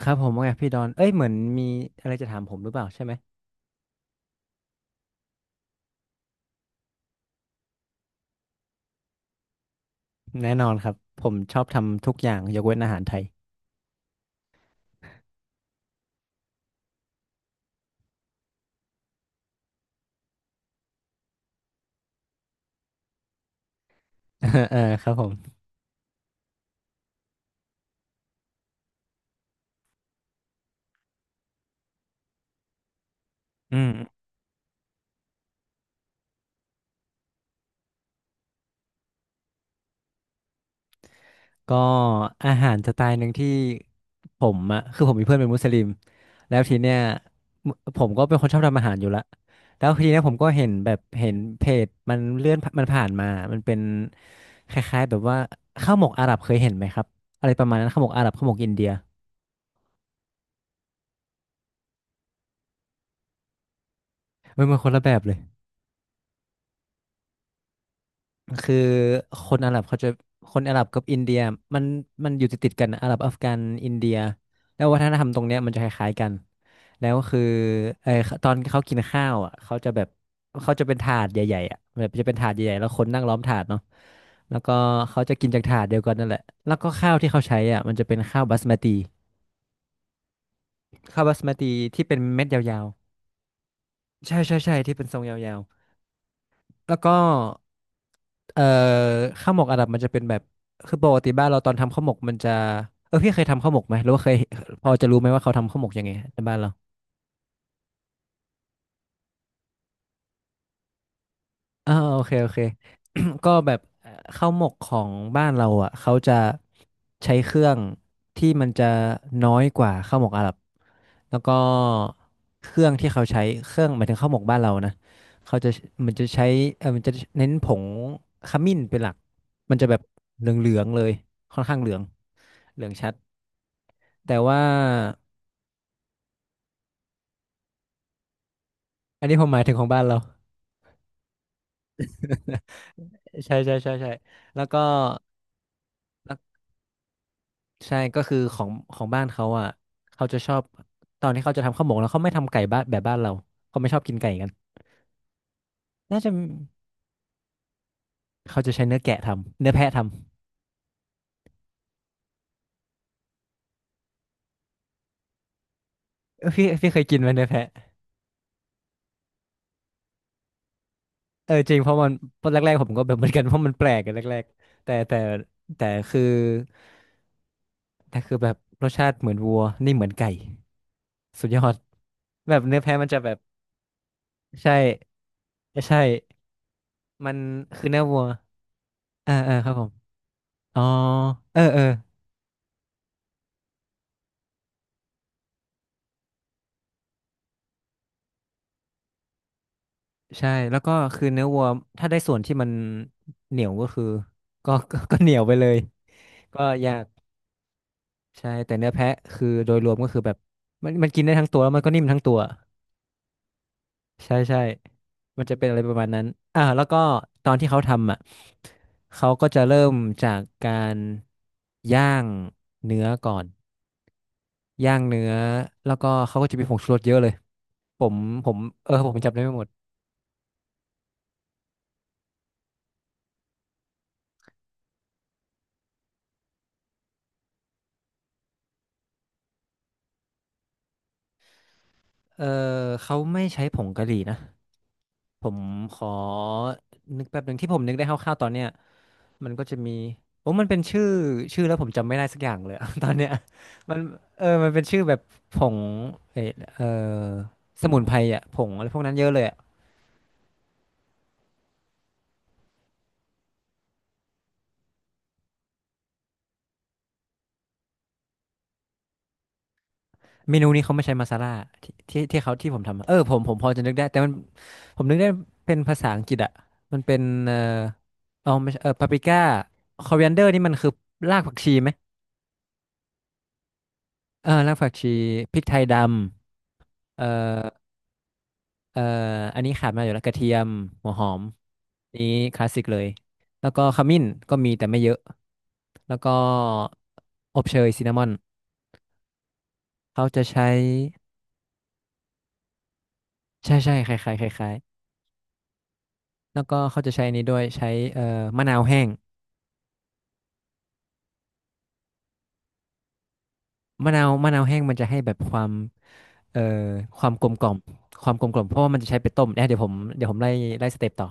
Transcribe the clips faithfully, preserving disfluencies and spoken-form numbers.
ครับผมว่าไงพี่ดอนเอ้ยเหมือนมีอะไรจะถามผมหรือเปล่าใช่ไหมแน่นอนครับผมชอบทำทุกอย่างยกเว้นอาหารไทย เออครับผมอืมก็อาหารสไตล์หนึ่งที่ผมอะคือผมมีเพื่อนเป็นมุสลิมแล้วทีเนี้ยมผมก็เป็นคนชอบทำอาหารอยู่ละแล้วทีเนี้ยผมก็เห็นแบบเห็นเพจมันเลื่อนมันผ่านมามันเป็นคล้ายๆแบบว่าข้าวหมกอาหรับเคยเห็นไหมครับอะไรประมาณนั้นข้าวหมกอาหรับข้าวหมกอินเดียเว้ยมันคนละแบบเลย คือคนอาหรับเขาจะคนอาหรับกับอินเดียมันมันอยู่ติดติดกันนะอาหรับอัฟกันอินเดียแล้ววัฒนธรรมตรงเนี้ยมันจะคล้ายๆกันแล้วคือเออตอนเขากินข้าวอ่ะเขาจะแบบเขาจะเป็นถาดใหญ่ๆอ่ะแบบจะเป็นถาดใหญ่ๆแล้วคนนั่งล้อมถาดเนาะแล้วก็เขาจะกินจากถาดเดียวกันนั่นแหละแล้วก็ข้าวที่เขาใช้อ่ะมันจะเป็นข้าวบาสมาติข้าวบาสมาติที่เป็นเม็ดยาวๆใช่ใช่ใช่ที่เป็นทรงยาวๆ แล้วก็เอ่อข้าวหมกอาหรับมันจะเป็นแบบคือปกติบ้านเราตอนทำข้าวหมกมันจะเออพี่เคยทำข้าวหมกไหมหรือว่าเคยพอจะรู้ไหมว่าเขาทำข้าวหมกยังไงในบ้านเรา อ่าโอเคโอเค ก็แบบเอ่อข้าวหมกของบ้านเราอ่ะเขาจะใช้เครื่องที่มันจะน้อยกว่าข้าวหมกอาหรับแล้วก็เครื่องที่เขาใช้เครื่องหมายถึงข้าวหมกบ้านเรานะเขาจะมันจะใช้เออมันจะเน้นผงขมิ้นเป็นหลักมันจะแบบเหลืองๆเลยค่อนข้างเหลืองเหลืองชัดแต่ว่าอันนี้ผมหมายถึงของบ้านเราใช่ใช่ใช่ใช่แล้วก็ ใช่ก็คือของของบ้านเขาอ่ะเขาจะชอบตอนที่เขาจะทำข้าวหมกแล้วเขาไม่ทำไก่บ้านแบบบ้านเราเขาไม่ชอบกินไก่กันน่าจะเขาจะใช้เนื้อแกะทำเนื้อแพะทำเออพี่พี่เคยกินไหมเนื้อแพะเออจริงเพราะมันตอนแรกๆผมก็แบบเหมือนกันเพราะมันแปลกกันแรกๆแต่แต่แต่คือแต่คือแบบรสชาติเหมือนวัวนี่เหมือนไก่สุดยอดแบบเนื้อแพะมันจะแบบใช่ใช่มันคือเนื้อวัวอ่าอ่าครับผมอ๋อเออเออ ใช่แล้วก็คือเนื้อวัวถ้าได้ส่วนที่มันเหนียวก็คือก็ก็ ก็เหนียวไปเลยก็ยากใช่แต่เนื้อแพะคือโดยรวมก็คือแบบมันมันกินได้ทั้งตัวแล้วมันก็นิ่มทั้งตัวใช่ใช่มันจะเป็นอะไรประมาณนั้นอ่าแล้วก็ตอนที่เขาทำอ่ะเขาก็จะเริ่มจากการย่างเนื้อก่อนย่างเนื้อแล้วก็เขาก็จะมีผงชูรสเยอะเลยผมผมเออผมจำได้ไม่หมดเออเขาไม่ใช้ผงกะหรี่นะ ผมขอนึกแป๊บหนึ่งที่ผมนึกได้คร่าวๆตอนเนี้ยมันก็จะมีโอ้มันเป็นชื่อชื่อแล้วผมจำไม่ได้สักอย่างเลยอะ ตอนเนี้ยมันเออมันเป็นชื่อแบบผงเออเออสมุนไพรอ่ะผงอะไรพวกนั้นเยอะเลยอะเมนูนี้เขาไม่ใช้มาซาล่าที่ที่ที่เขาที่ผมทำอะเออผมผมพอจะนึกได้แต่มันผมนึกได้เป็นภาษาอังกฤษอ่ะมันเป็นเออเอาไม่ใช่เออปาปริก้าคอเวนเดอร์นี่มันคือรากผักชีไหมเออรากผักชีพริกไทยดำ เอ่ออันนี้ขาดไมาอยู่แล้วกระเทียมหัวหอมนี้คลาสสิกเลยแล้วก็ขมิ้นก็มีแต่ไม่เยอะแล้วก็อบเชยซินนามอนเขาจะใช้ใช่ใช่คล้ายๆคล้ายๆแล้วก็เขาจะใช้อันนี้ด้วยใช้เอ่อมะนาวแห้งมะนาวมะนาวแห้งมันจะให้แบบความเอ่อความกลมกล่อมความกลมกล่อมเพราะว่ามันจะใช้ไปต้มเนี่ยเดี๋ยวผมเดี๋ยวผมไล่ไล่สเต็ปต่อ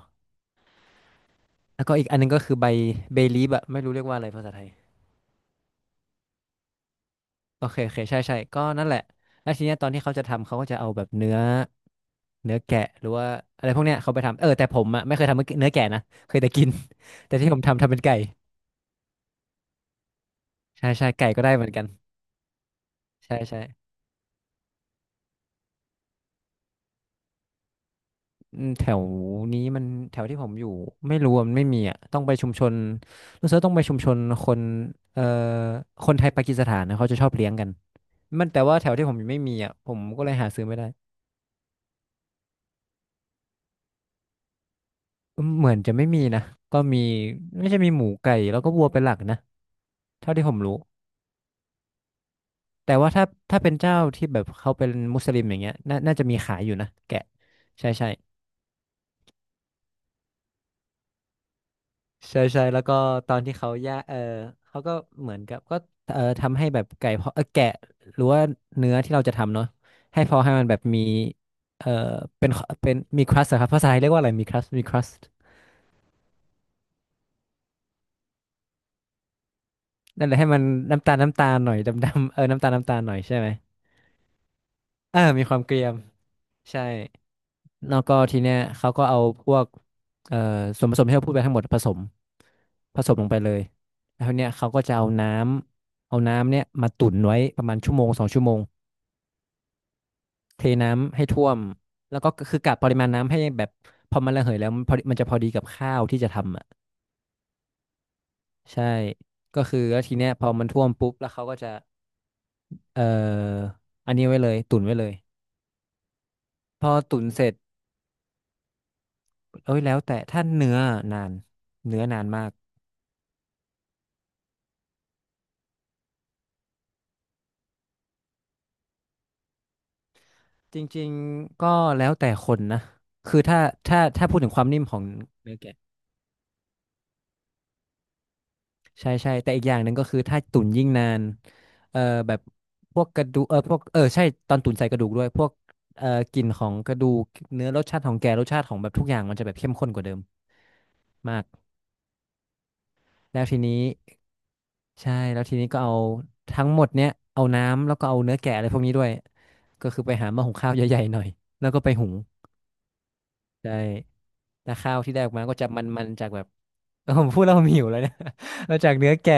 แล้วก็อีกอันนึงก็คือใบเบลีฟอะไม่รู้เรียกว่าอะไรภาษาไทย โอเคโอเคใช่ใช่ก็นั่นแหละแล้วทีเนี้ยตอนที่เขาจะทำเขาก็จะเอาแบบเนื้อเนื้อแกะหรือว่าอะไรพวกเนี้ยเขาไปทำเออแต่ผมอ่ะไม่เคยทำเนื้อแกะนะเคยแต่กิน แต่ที่ผมทำทำเป็นไก่ใช่ใช่ไก่ก็ได้เหมือนกันใช่ใช่อืมแถวนี้มันแถวที่ผมอยู่ไม่รู้อะมันไม่มีอ่ะต้องไปชุมชนรู้สึกว่าต้องไปชุมชนคนเอ่อคนไทยปากีสถานนะเขาจะชอบเลี้ยงกันมันแต่ว่าแถวที่ผมอยู่ไม่มีอ่ะผมก็เลยหาซื้อไม่ได้อืมเหมือนจะไม่มีนะก็มีไม่ใช่มีหมูไก่แล้วก็วัวเป็นหลักนะ เท่าที่ผมรู้ แต่ว่าถ้าถ้าเป็นเจ้าที่แบบเขาเป็นมุสลิมอย่างเงี้ยน่าน่าจะมีขายอยู่นะแกะใช่ใช่ใช่ใช่แล้วก็ตอนที่เขาย่าเออเขาก็เหมือนกับก็เออทำให้แบบไก่พอเออแกะหรือว่าเนื้อที่เราจะทำเนาะให้พอให้มันแบบมีเออเป็นเป็นมีครัสครับภาษาไทยเรียกว่าอะไรมีครัสมีครัสนั่นแหละให้มันน้ำตาลน้ำตาลหน่อยดำๆเออน้ำตาลน้ำตาลหน่อยใช่ไหมเออมีความเกรียมใช่ แล้วก็ทีเนี้ยเขาก็เอาพวกเอ่อส่วนผสมที่เราพูดไปทั้งหมดผสมผสมลงไปเลยแล้วทีเนี้ยเขาก็จะเอาน้ำเอาน้ำเนี่ยมาตุ่นไว้ประมาณชั่วโมงสองชั่วโมงเทน้ำให้ท่วมแล้วก็คือกะปริมาณน้ำให้แบบพอมันระเหยแล้วมันพอดีมันจะพอดีกับข้าวที่จะทำอ่ะใช่ก็คือแล้วทีเนี้ยพอมันท่วมปุ๊บแล้วเขาก็จะเอ่ออันนี้ไว้เลยตุ่นไว้เลยพอตุ่นเสร็จเอ้ยแล้วแต่ถ้าเนื้อนานเนื้อนานมาก จริงๆ ก็แล้วแต่คนนะคือถ้าถ้าถ้าพูดถึงความนิ่มของเนื้อแกะใช่ใช่แต่อีกอย่างหนึ่งก็คือถ้าตุ๋นยิ่งนานเอ่อแบบพวกกระดูกเออพวกเออใช่ตอนตุ๋นใส่กระดูกด้วยพวกเอ่อกลิ่นของกระดูกเนื้อรสชาติของแกะรสชาติของแบบทุกอย่างมันจะแบบเข้มข้นกว่าเดิมมากแล้วทีนี้ใช่แล้วทีนี้ก็เอาทั้งหมดเนี้ยเอาน้ำแล้วก็เอาเนื้อแกะอะไรพวกนี้ด้วยก็คือไปหาหม้อหุงข้าวใหญ่ๆหน่อยแล้วก็ไปหุงใช่แต่ข้าวที่ได้ออกมาก็จะมันๆจากแบบ เออผมพูดแล้วผมหิวเลยเนี่ย มาจากเนื้อแกะ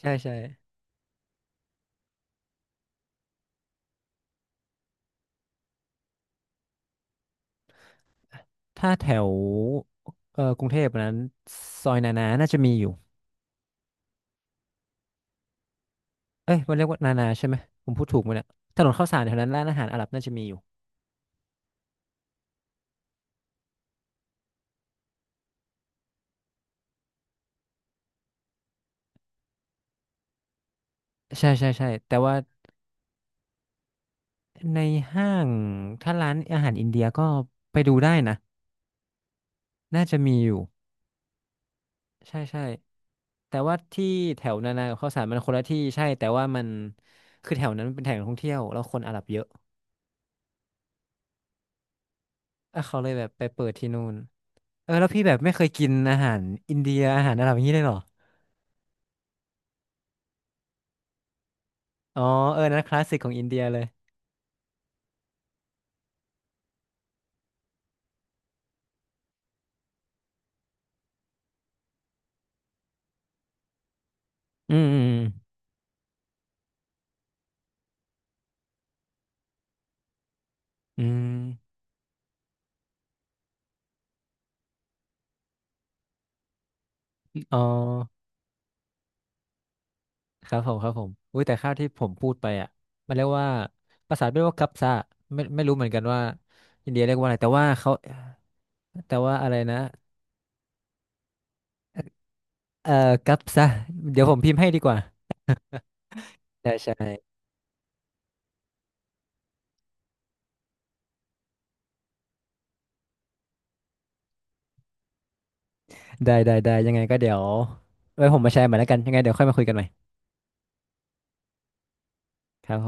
ใช่ใช่ถ้าแถวเอ่อกรุงเทพนั้นซอยนานาน่าจะมีอยู่เอ้ยมันเรียกว่านานาใช่ไหมผมพูดถูกไหมเนี่ยถนนข้าวสารแถวนั้นร้านอาหารอาหรับน่าจะมีอยู่ใช่ใช่ใช่แต่ว่าในห้างถ้าร้านอาหารอินเดียก็ไปดูได้นะน่าจะมีอยู่ใช่ใช่แต่ว่าที่แถวนานากับข้าวสารมันคนละที่ใช่แต่ว่ามันคือแถวนั้นมันเป็นแถวท่องเที่ยวแล้วคนอาหรับเยอะอ่ะเขาเลยแบบไปเปิดที่นู่น เออแล้วพี่แบบไม่เคยกินอาหารอินเดียอาหารอาหรับอย่างนี้เลยเหรออ๋อเออนั้นคลาสสิกของอินเดียเลยอืมอืมอืมอมอ๋อครับผมครับผมอุ้ยแต่ข้าวที่ผมพูดไปอ่ะมันเรียกว่าภาษาไม่เรียกว่ากัปซะไม่ไม่รู้เหมือนกันว่าอินเดียเรียกว่าอะไรแต่ว่าเขาแต่ว่าอะไรนะเอ่อกัปซะเดี๋ยวผมพิมพ์ให้ดีกว่าไช่ใช่ได้ได้ได้ยังไงก็เดี๋ยวไว้ผมมาแชร์ใหม่แล้วกันยังไงเดี๋ยวค่อยมาคุยกันใหม่ครับผม